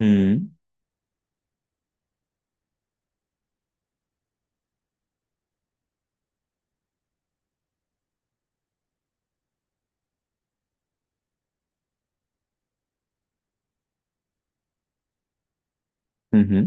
Hı hı hı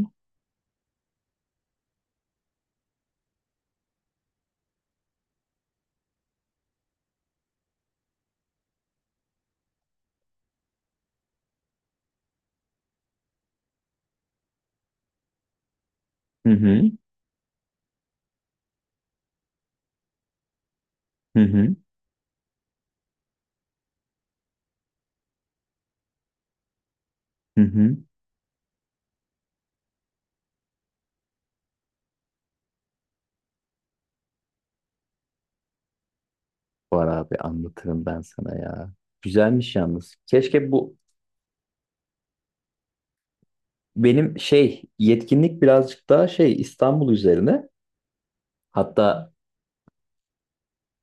hı hı hı hı. hı hı. Var abi, anlatırım ben sana ya. Güzelmiş yalnız. Keşke bu benim yetkinlik birazcık daha İstanbul üzerine. Hatta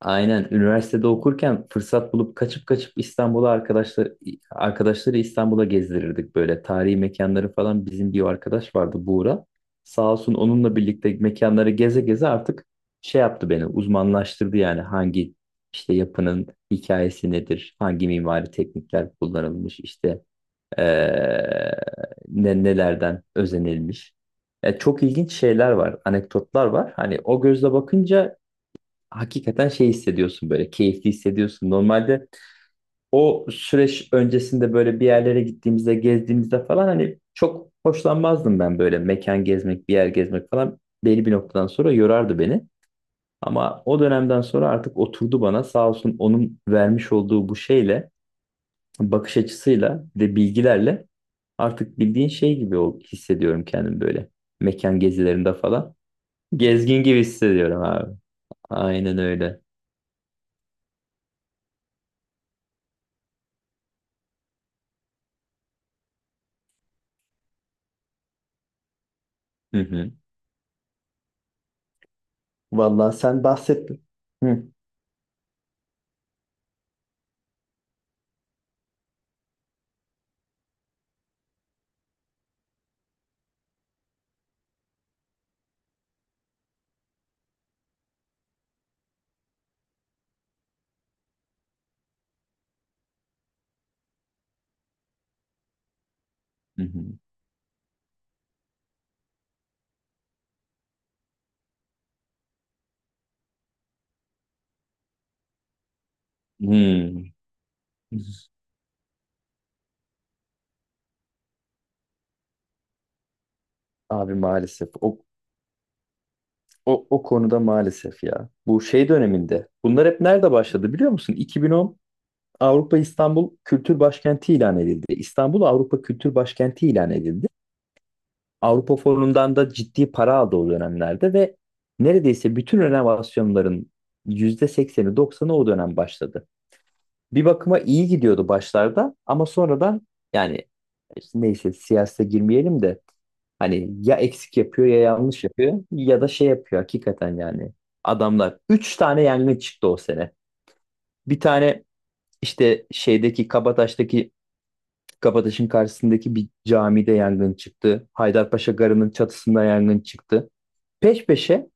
Aynen, üniversitede okurken fırsat bulup kaçıp kaçıp İstanbul'a arkadaşları İstanbul'a gezdirirdik, böyle tarihi mekanları falan. Bizim bir arkadaş vardı, Buğra. Sağ olsun, onunla birlikte mekanları geze geze artık şey yaptı beni uzmanlaştırdı. Yani hangi yapının hikayesi nedir, hangi mimari teknikler kullanılmış, işte eee, nelerden özenilmiş. Çok ilginç şeyler var, anekdotlar var. Hani o gözle bakınca hakikaten hissediyorsun, böyle keyifli hissediyorsun. Normalde o süreç öncesinde böyle bir yerlere gittiğimizde, gezdiğimizde falan, hani çok hoşlanmazdım ben böyle mekan gezmek, bir yer gezmek falan. Belli bir noktadan sonra yorardı beni. Ama o dönemden sonra artık oturdu bana, sağ olsun, onun vermiş olduğu bu bakış açısıyla ve bilgilerle artık bildiğin hissediyorum kendimi böyle mekan gezilerinde falan. Gezgin gibi hissediyorum abi. Aynen öyle. Hı hı. Vallahi sen bahsettin. Hı. Hı hı. Hmm. Abi maalesef. O konuda maalesef ya. Bu döneminde. Bunlar hep nerede başladı biliyor musun? 2010 Avrupa İstanbul Kültür Başkenti ilan edildi. İstanbul Avrupa Kültür Başkenti ilan edildi. Avrupa Fonu'ndan da ciddi para aldı o dönemlerde ve neredeyse bütün renovasyonların %80'i 90'ı o dönem başladı. Bir bakıma iyi gidiyordu başlarda ama sonradan, yani neyse, siyasete girmeyelim de hani ya eksik yapıyor, ya yanlış yapıyor, ya da şey yapıyor hakikaten yani. Adamlar 3 tane yangın çıktı o sene. Bir tane işte şeydeki Kabataş'taki Kabataş'ın karşısındaki bir camide yangın çıktı. Haydarpaşa Garı'nın çatısında yangın çıktı. Peş peşe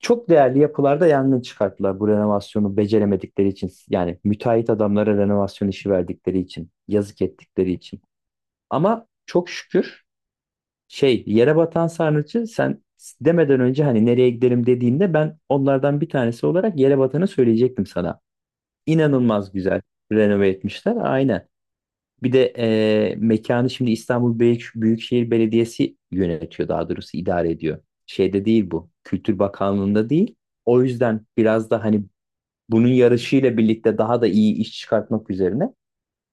çok değerli yapılarda yangın çıkarttılar bu renovasyonu beceremedikleri için. Yani müteahhit adamlara renovasyon işi verdikleri için, yazık ettikleri için. Ama çok şükür, yere batan sarnıcı sen demeden önce, hani nereye gidelim dediğinde, ben onlardan bir tanesi olarak yere batanı söyleyecektim sana. İnanılmaz güzel renove etmişler. Aynen. Bir de mekanı şimdi İstanbul Büyükşehir Belediyesi yönetiyor, daha doğrusu idare ediyor. Şeyde değil bu. Kültür Bakanlığı'nda değil. O yüzden biraz da hani bunun yarışıyla birlikte daha da iyi iş çıkartmak üzerine.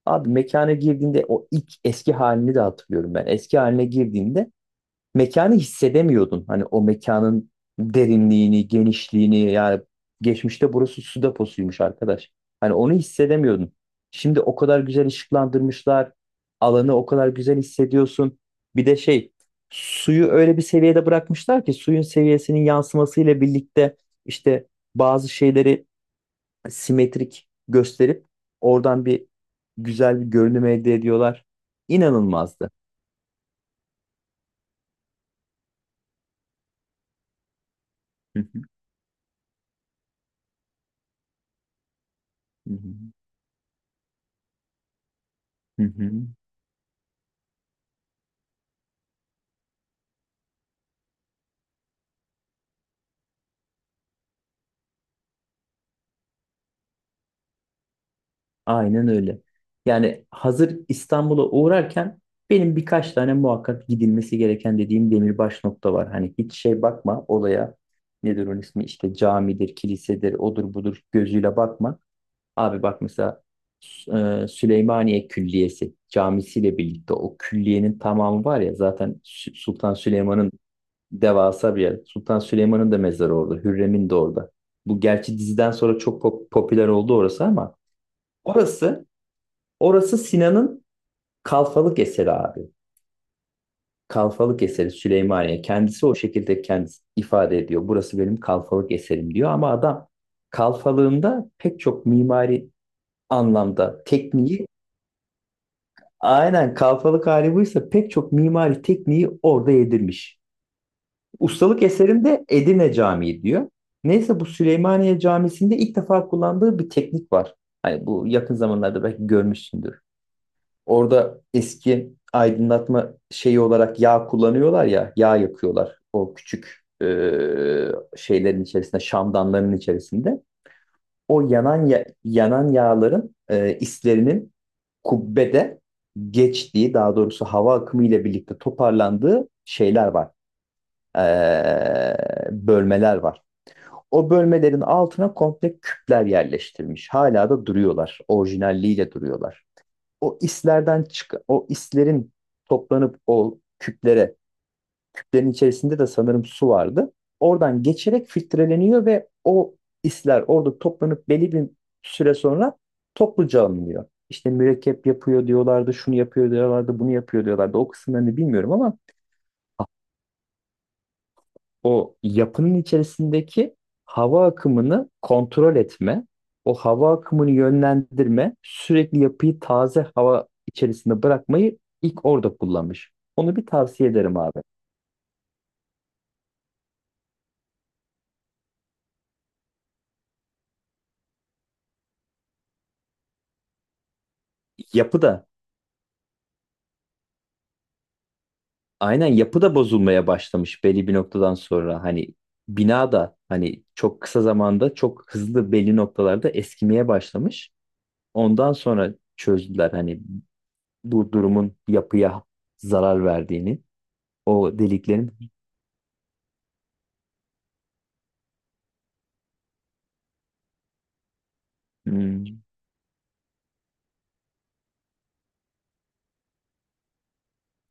Abi, mekana girdiğinde, o ilk eski halini de hatırlıyorum ben. Eski haline girdiğinde mekanı hissedemiyordun. Hani o mekanın derinliğini, genişliğini, yani geçmişte burası su deposuymuş arkadaş. Hani onu hissedemiyordun. Şimdi o kadar güzel ışıklandırmışlar. Alanı o kadar güzel hissediyorsun. Bir de suyu öyle bir seviyede bırakmışlar ki, suyun seviyesinin yansımasıyla birlikte işte bazı şeyleri simetrik gösterip oradan güzel bir görünüm elde ediyorlar. İnanılmazdı. Hı hı, hı hı, hı hı. Aynen öyle. Yani hazır İstanbul'a uğrarken, benim birkaç tane muhakkak gidilmesi gereken dediğim demirbaş nokta var. Hani hiç bakma olaya, nedir onun ismi, işte camidir, kilisedir, odur budur gözüyle bakma. Abi bak mesela, Süleymaniye Külliyesi camisiyle birlikte o külliyenin tamamı var ya zaten, Sultan Süleyman'ın devasa bir yer. Sultan Süleyman'ın da mezarı orada, Hürrem'in de orada. Bu gerçi diziden sonra çok popüler oldu orası ama orası Orası Sinan'ın kalfalık eseri abi. Kalfalık eseri Süleymaniye. Kendisi o şekilde kendisi ifade ediyor: burası benim kalfalık eserim diyor. Ama adam kalfalığında pek çok mimari anlamda tekniği, aynen, kalfalık hali buysa pek çok mimari tekniği orada yedirmiş. Ustalık eserinde Edirne Camii diyor. Neyse, bu Süleymaniye Camisi'nde ilk defa kullandığı bir teknik var. Hani bu yakın zamanlarda belki görmüşsündür. Orada eski aydınlatma şeyi olarak yağ kullanıyorlar ya, yağ yakıyorlar o küçük şeylerin içerisinde, şamdanların içerisinde. O yanan yanan yağların islerinin kubbede geçtiği, daha doğrusu hava akımı ile birlikte toparlandığı şeyler var, e, bölmeler var. O bölmelerin altına komple küpler yerleştirilmiş. Hala da duruyorlar, orijinalliğiyle duruyorlar. O islerden çıkan, o islerin toplanıp o küplere, küplerin içerisinde de sanırım su vardı. Oradan geçerek filtreleniyor ve o isler orada toplanıp belli bir süre sonra topluca alınıyor. İşte mürekkep yapıyor diyorlardı, şunu yapıyor diyorlardı, bunu yapıyor diyorlardı. O kısımlarını bilmiyorum ama o yapının içerisindeki hava akımını kontrol etme, o hava akımını yönlendirme, sürekli yapıyı taze hava içerisinde bırakmayı ilk orada kullanmış. Onu bir tavsiye ederim abi. Yapı da aynen yapı da bozulmaya başlamış belli bir noktadan sonra, hani bina da hani çok kısa zamanda çok hızlı belli noktalarda eskimeye başlamış. Ondan sonra çözdüler hani bu durumun yapıya zarar verdiğini, o deliklerin. Hmm.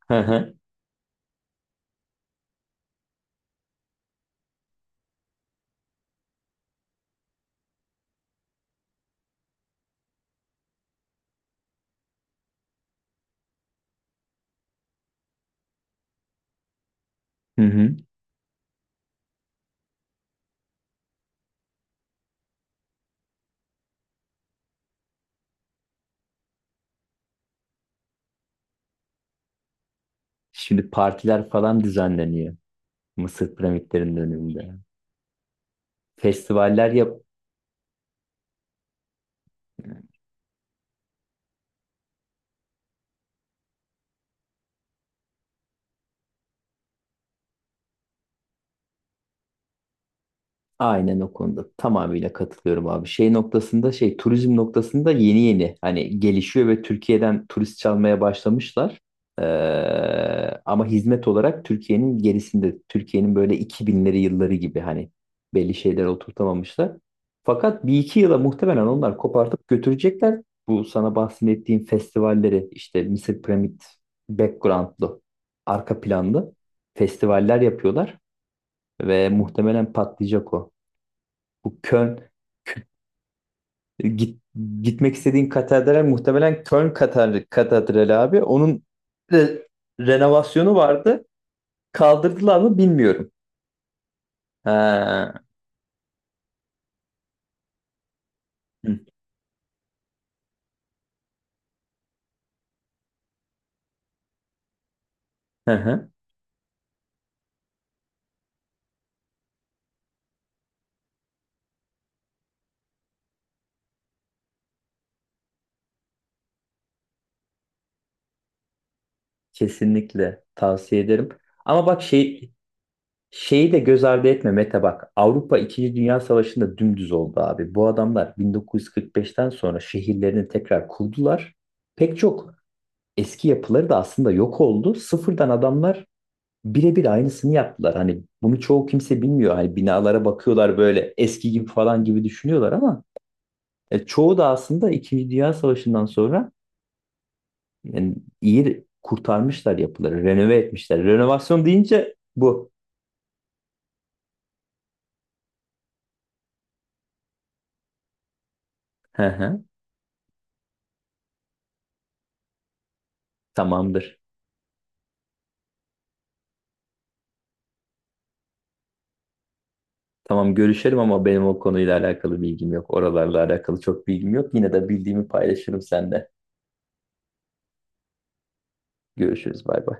Hı hı. Hı hı. Şimdi partiler falan düzenleniyor Mısır piramitlerinin önünde. Festivaller yap. Aynen, o konuda tamamıyla katılıyorum abi. Şey noktasında şey turizm noktasında yeni yeni hani gelişiyor ve Türkiye'den turist çalmaya başlamışlar. Ee, ama hizmet olarak Türkiye'nin gerisinde. Türkiye'nin böyle 2000'leri yılları gibi, hani belli şeyler oturtamamışlar. Fakat bir iki yıla muhtemelen onlar kopartıp götürecekler. Bu sana bahsettiğim festivalleri, işte Mısır Piramit background'lu arka planlı festivaller yapıyorlar ve muhtemelen patlayacak o. Bu Köln, e, git, gitmek istediğin katedral muhtemelen Köln katedrali abi. Onun re- renovasyonu vardı. Kaldırdılar mı bilmiyorum. Ha. Hı, hı hı. Kesinlikle tavsiye ederim. Ama bak, şeyi de göz ardı etme Mete, bak. Avrupa 2. Dünya Savaşı'nda dümdüz oldu abi. Bu adamlar 1945'ten sonra şehirlerini tekrar kurdular. Pek çok eski yapıları da aslında yok oldu. Sıfırdan adamlar birebir aynısını yaptılar. Hani bunu çoğu kimse bilmiyor. Hani binalara bakıyorlar, böyle eski gibi falan gibi düşünüyorlar ama çoğu da aslında İkinci Dünya Savaşı'ndan sonra, yani iyi kurtarmışlar yapıları, renove etmişler. Renovasyon deyince bu. Hı hı, tamamdır. Tamam, görüşelim, ama benim o konuyla alakalı bilgim yok. Oralarla alakalı çok bilgim yok. Yine de bildiğimi paylaşırım seninle. Görüşürüz. Bay bay.